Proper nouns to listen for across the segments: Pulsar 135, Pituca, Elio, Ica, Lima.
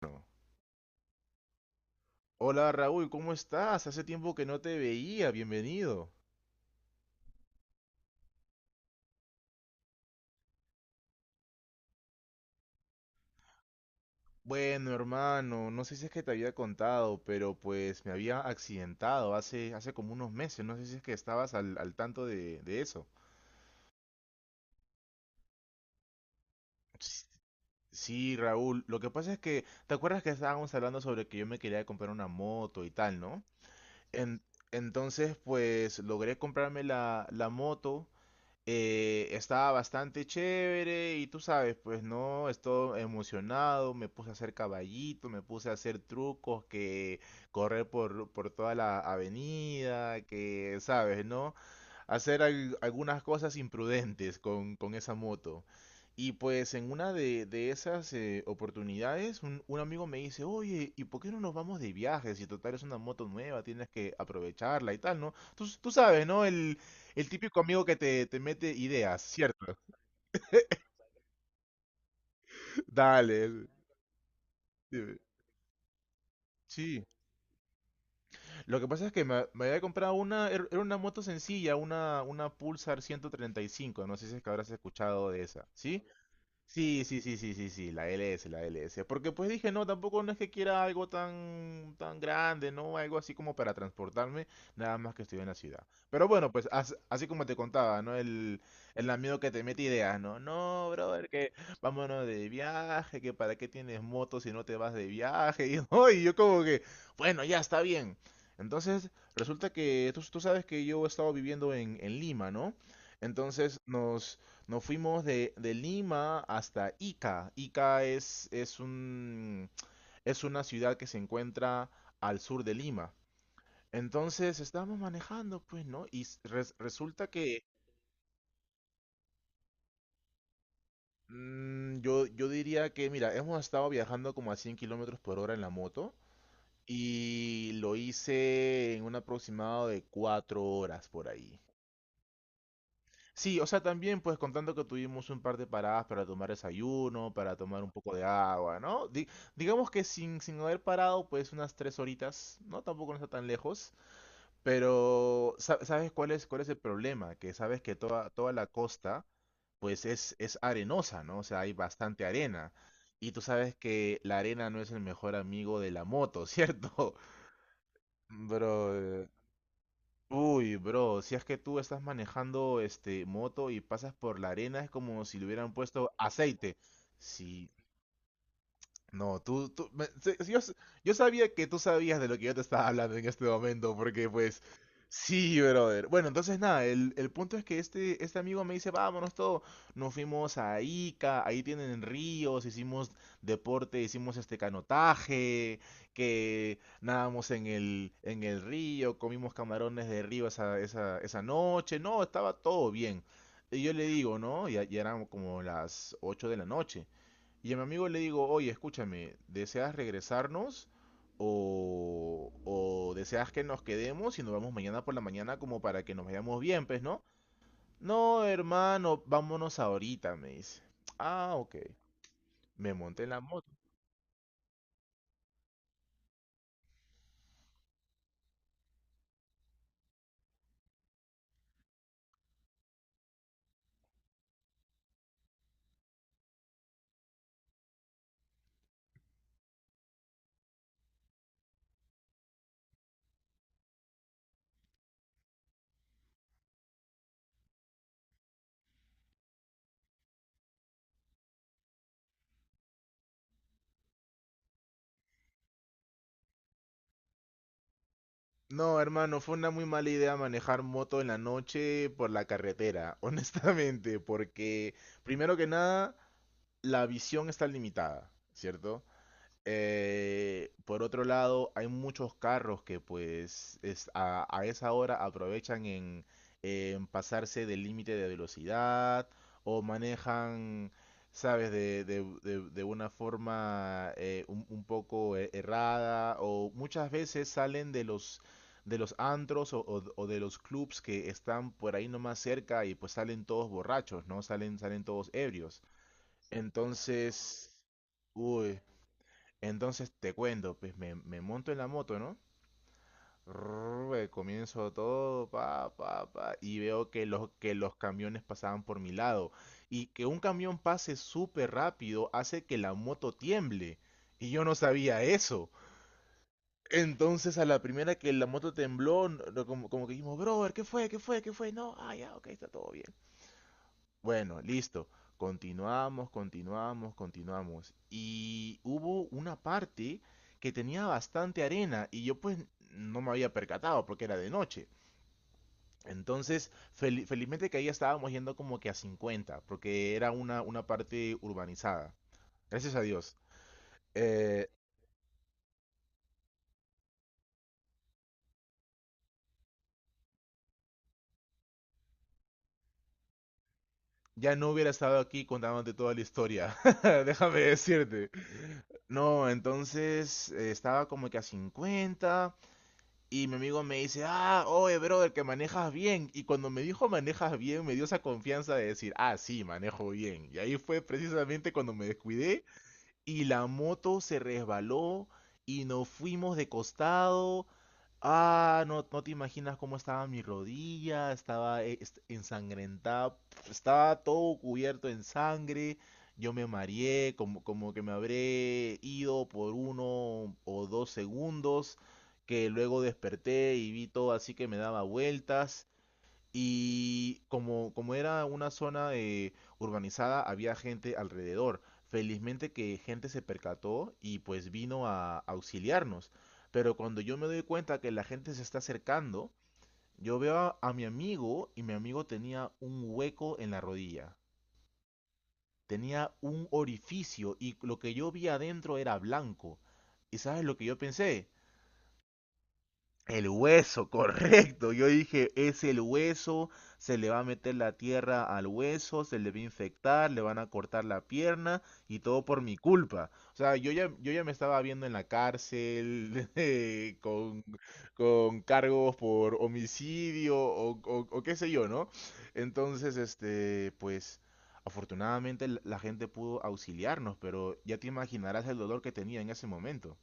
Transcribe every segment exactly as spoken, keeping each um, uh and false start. Bueno, hola Raúl, ¿cómo estás? Hace tiempo que no te veía, bienvenido. Bueno, hermano, no sé si es que te había contado, pero pues me había accidentado hace, hace como unos meses, no sé si es que estabas al, al tanto de, de eso. S- Sí, Raúl, lo que pasa es que, ¿te acuerdas que estábamos hablando sobre que yo me quería comprar una moto y tal, ¿no? En- entonces, pues logré comprarme la, la moto. Eh, estaba bastante chévere y tú sabes, pues no, estoy emocionado, me puse a hacer caballito, me puse a hacer trucos, que correr por, por toda la avenida, que sabes, ¿no? Hacer al- algunas cosas imprudentes con, con esa moto. Y pues en una de, de esas eh, oportunidades, un, un amigo me dice, oye, ¿y por qué no nos vamos de viaje? Si total es una moto nueva, tienes que aprovecharla y tal, ¿no? Tú, tú sabes, ¿no? El, el típico amigo que te, te mete ideas, ¿cierto? Dale. Dime. Sí. Lo que pasa es que me, me había comprado una, er- era una moto sencilla, una, una Pulsar ciento treinta y cinco, no sé si es que habrás escuchado de esa, ¿sí? Sí, sí, sí, sí, sí, sí, la L S, la L S. Porque pues dije, no, tampoco no es que quiera algo tan, tan grande, ¿no? Algo así como para transportarme, nada más que estoy en la ciudad. Pero bueno, pues as- así como te contaba, ¿no? El, el amigo que te mete ideas, ¿no? No, brother, que vámonos de viaje, que para qué tienes moto si no te vas de viaje. Y, no, y yo como que, bueno, ya está bien. Entonces, resulta que tú, tú sabes que yo he estado viviendo en, en Lima, ¿no? Entonces nos... Nos fuimos de, de Lima hasta Ica. Ica es, es un, es una ciudad que se encuentra al sur de Lima. Entonces estábamos manejando, pues, ¿no? Y s- res- resulta que mm, yo, yo diría que, mira, hemos estado viajando como a cien kilómetros por hora en la moto y lo hice en un aproximado de cuatro horas por ahí. Sí, o sea, también pues contando que tuvimos un par de paradas para tomar desayuno, para tomar un poco de agua, ¿no? Di- digamos que sin, sin haber parado pues unas tres horitas, ¿no? Tampoco no está tan lejos, pero sa- ¿sabes cuál es, cuál es el problema? Que sabes que toda, toda la costa pues es, es arenosa, ¿no? O sea, hay bastante arena. Y tú sabes que la arena no es el mejor amigo de la moto, ¿cierto? Bro, uy, bro, si es que tú estás manejando este moto y pasas por la arena, es como si le hubieran puesto aceite. Sí. No, tú, tú me- se- yo, s- yo sabía que tú sabías de lo que yo te estaba hablando en este momento, porque pues, sí, brother. Bueno, entonces nada, el, el punto es que este, este amigo me dice, vámonos todo. Nos fuimos a Ica, ahí tienen ríos, hicimos deporte, hicimos este canotaje, que nadamos en el, en el río, comimos camarones de río esa, esa, esa noche. No, estaba todo bien. Y yo le digo, ¿no? Ya, ya eran como las ocho de la noche. Y a mi amigo le digo, oye, escúchame, ¿deseas regresarnos o, o deseas que nos quedemos y nos vamos mañana por la mañana como para que nos vayamos bien, pues, ¿no? No, hermano, vámonos ahorita, me dice. Ah, ok. Me monté en la moto. No, hermano, fue una muy mala idea manejar moto en la noche por la carretera, honestamente, porque primero que nada, la visión está limitada, ¿cierto? Eh, por otro lado, hay muchos carros que pues es- a, a esa hora aprovechan en, en pasarse del límite de velocidad o manejan, sabes, de, de- de- de una forma eh, un, un poco eh, errada o muchas veces salen de los, de los antros o, o- o de los clubs que están por ahí nomás cerca y pues salen todos borrachos, ¿no? Salen, salen todos ebrios. Entonces, uy. Entonces te cuento, pues me, me monto en la moto, ¿no? Rrrr, eh, comienzo todo, pa, pa, pa, y veo que los, que los camiones pasaban por mi lado. Y que un camión pase súper rápido hace que la moto tiemble. Y yo no sabía eso. Entonces a la primera que la moto tembló, no- no, como, como que dijimos, brother, ¿qué fue? ¿Qué fue? ¿Qué fue? No, ah, ya, ok, está todo bien. Bueno, listo. Continuamos, continuamos, continuamos. Y hubo una parte que tenía bastante arena y yo pues no me había percatado porque era de noche. Entonces, fel- felizmente que ahí estábamos yendo como que a cincuenta, porque era una, una parte urbanizada. Gracias a Dios. Eh, ya no hubiera estado aquí contándote toda la historia, déjame decirte. No, entonces eh, estaba como que a cincuenta. Y mi amigo me dice, ah, oye, brother, que manejas bien. Y cuando me dijo manejas bien, me dio esa confianza de decir, ah, sí, manejo bien. Y ahí fue precisamente cuando me descuidé y la moto se resbaló y nos fuimos de costado. Ah, no, no te imaginas cómo estaba mi rodilla, estaba eh, est- ensangrentada, estaba todo cubierto en sangre. Yo me mareé, como, como que me habré ido por uno o dos segundos, que luego desperté y vi todo así que me daba vueltas. Y como, como era una zona eh, urbanizada, había gente alrededor. Felizmente que gente se percató y pues vino a auxiliarnos. Pero cuando yo me doy cuenta que la gente se está acercando, yo veo a, a mi amigo y mi amigo tenía un hueco en la rodilla. Tenía un orificio y lo que yo vi adentro era blanco. ¿Y sabes lo que yo pensé? El hueso, correcto. Yo dije, es el hueso, se le va a meter la tierra al hueso, se le va a infectar, le van a cortar la pierna y todo por mi culpa. O sea, yo ya, yo ya me estaba viendo en la cárcel eh, con, con cargos por homicidio o, o- o qué sé yo, ¿no? Entonces, este, pues, afortunadamente la la gente pudo auxiliarnos, pero ya te imaginarás el dolor que tenía en ese momento.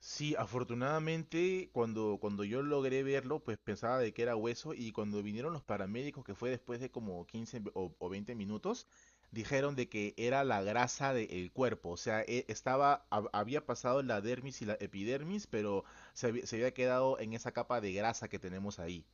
Sí, afortunadamente cuando, cuando yo logré verlo, pues pensaba de que era hueso y cuando vinieron los paramédicos, que fue después de como quince o, o veinte minutos, dijeron de que era la grasa del cuerpo, o sea, e- estaba, hab- había pasado la dermis y la epidermis, pero se, había se había quedado en esa capa de grasa que tenemos ahí.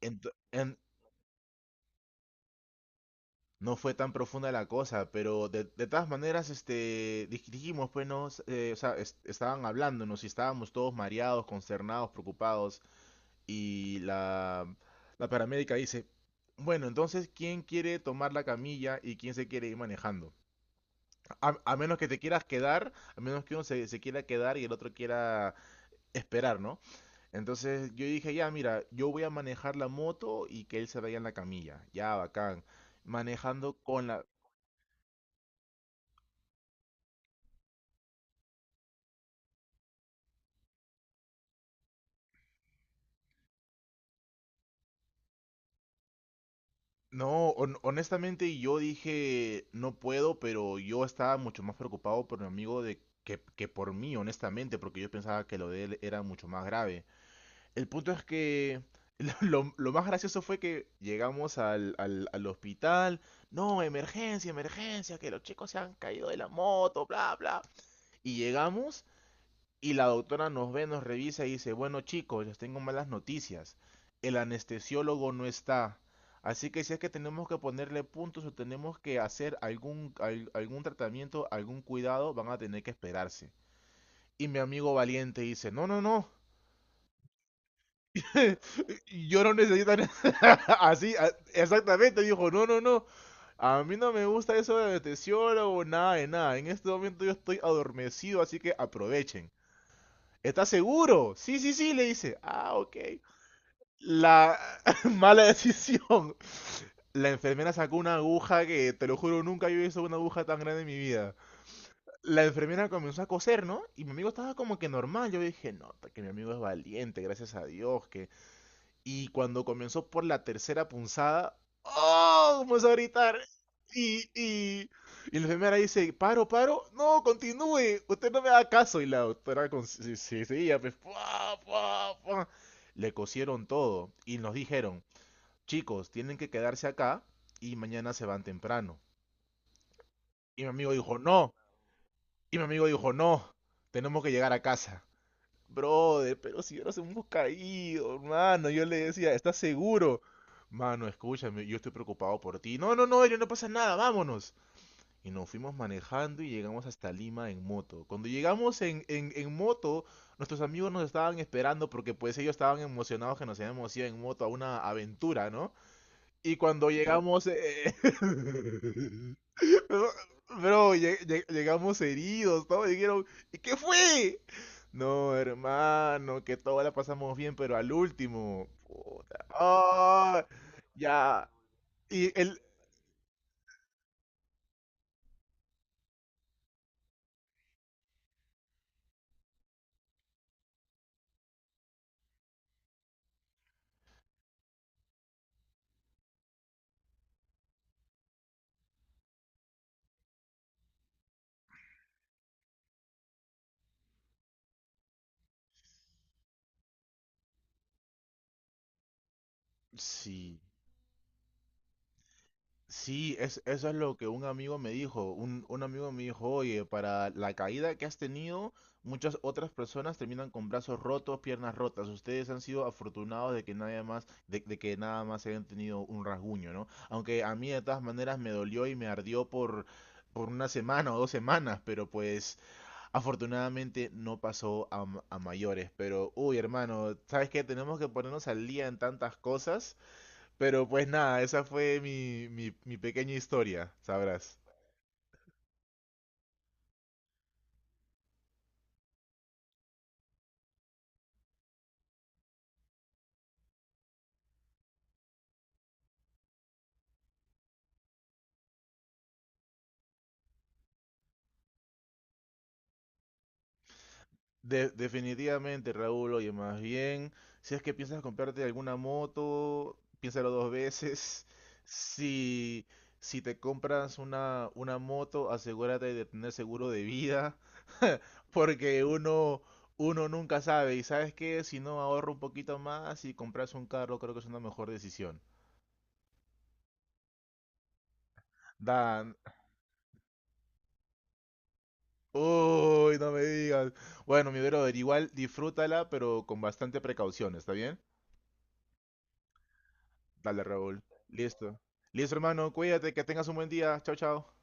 Ento- en- no fue tan profunda la cosa, pero de, de todas maneras, este, dij- dijimos, pues, no, s- eh, o sea, es- estaban hablándonos y estábamos todos mareados, consternados, preocupados. Y la, la paramédica dice, bueno, entonces, ¿quién quiere tomar la camilla y quién se quiere ir manejando? A, a menos que te quieras quedar, a menos que uno se, se quiera quedar y el otro quiera esperar, ¿no? Entonces yo dije, ya, mira, yo voy a manejar la moto y que él se vaya en la camilla. Ya, bacán. Manejando con la... No, hon- honestamente yo dije, no puedo, pero yo estaba mucho más preocupado por mi amigo de que, que por mí, honestamente, porque yo pensaba que lo de él era mucho más grave. El punto es que lo, lo lo más gracioso fue que llegamos al, al, al hospital. No, emergencia, emergencia, que los chicos se han caído de la moto, bla, bla. Y llegamos y la doctora nos ve, nos revisa y dice, bueno chicos, les tengo malas noticias. El anestesiólogo no está. Así que si es que tenemos que ponerle puntos o tenemos que hacer algún, al- algún tratamiento, algún cuidado, van a tener que esperarse. Y mi amigo valiente dice, no, no, no, yo no necesito así, a- exactamente, dijo, no, no, no. A mí no me gusta eso de meteoro o nada de nada. En este momento yo estoy adormecido, así que aprovechen. ¿Estás seguro? Sí, sí, sí, le dice. Ah, ok. La mala decisión. La enfermera sacó una aguja que, te lo juro, nunca había visto una aguja tan grande en mi vida. La enfermera comenzó a coser, ¿no? Y mi amigo estaba como que normal. Yo dije, no, que mi amigo es valiente, gracias a Dios, que y cuando comenzó por la tercera punzada, ¡oh! Comenzó a gritar. Y, y, y la enfermera dice, paro, paro, no, continúe, usted no me da caso. Y la doctora con- se- se- seguía, pues, ¡pua, pua, pua! Le cosieron todo y nos dijeron, chicos, tienen que quedarse acá y mañana se van temprano. Y mi amigo dijo, no, y mi amigo dijo, no, tenemos que llegar a casa. Brother, pero si ahora nos hemos caído, hermano. Yo le decía, ¿estás seguro? Mano, escúchame, yo estoy preocupado por ti. No, no, no, Elio, no pasa nada, vámonos. Y nos fuimos manejando y llegamos hasta Lima en moto. Cuando llegamos en, en, en moto, nuestros amigos nos estaban esperando porque pues ellos estaban emocionados que nos habíamos ido en moto a una aventura, ¿no? Y cuando llegamos... eh, Pero, bro, lleg- lleg- llegamos heridos, todos dijeron, "¿Y qué fue? No, hermano, que toda la pasamos bien, pero al último. Puta. Ah, ya. Y el... Sí. Sí, es, eso es lo que un amigo me dijo. Un, un amigo me dijo, oye, para la caída que has tenido, muchas otras personas terminan con brazos rotos, piernas rotas. Ustedes han sido afortunados de que nadie más, de, de que nada más hayan tenido un rasguño, ¿no? Aunque a mí de todas maneras me dolió y me ardió por, por una semana o dos semanas, pero pues afortunadamente no pasó a, a mayores. Pero, uy, hermano, ¿sabes qué? Tenemos que ponernos al día en tantas cosas. Pero pues nada, esa fue mi, mi, mi pequeña historia, sabrás. De- definitivamente, Raúl, oye, más bien, si es que piensas comprarte alguna moto, piénsalo dos veces. Si, si te compras una, una moto, asegúrate de tener seguro de vida, porque uno, uno nunca sabe. Y sabes que si no ahorra un poquito más y compras un carro, creo que es una mejor decisión. Da, uy, no me digas. Bueno, mi brother, igual disfrútala, pero con bastante precaución, ¿está bien? Dale, Raúl. Listo. Listo, hermano, cuídate, que tengas un buen día. Chao, chao.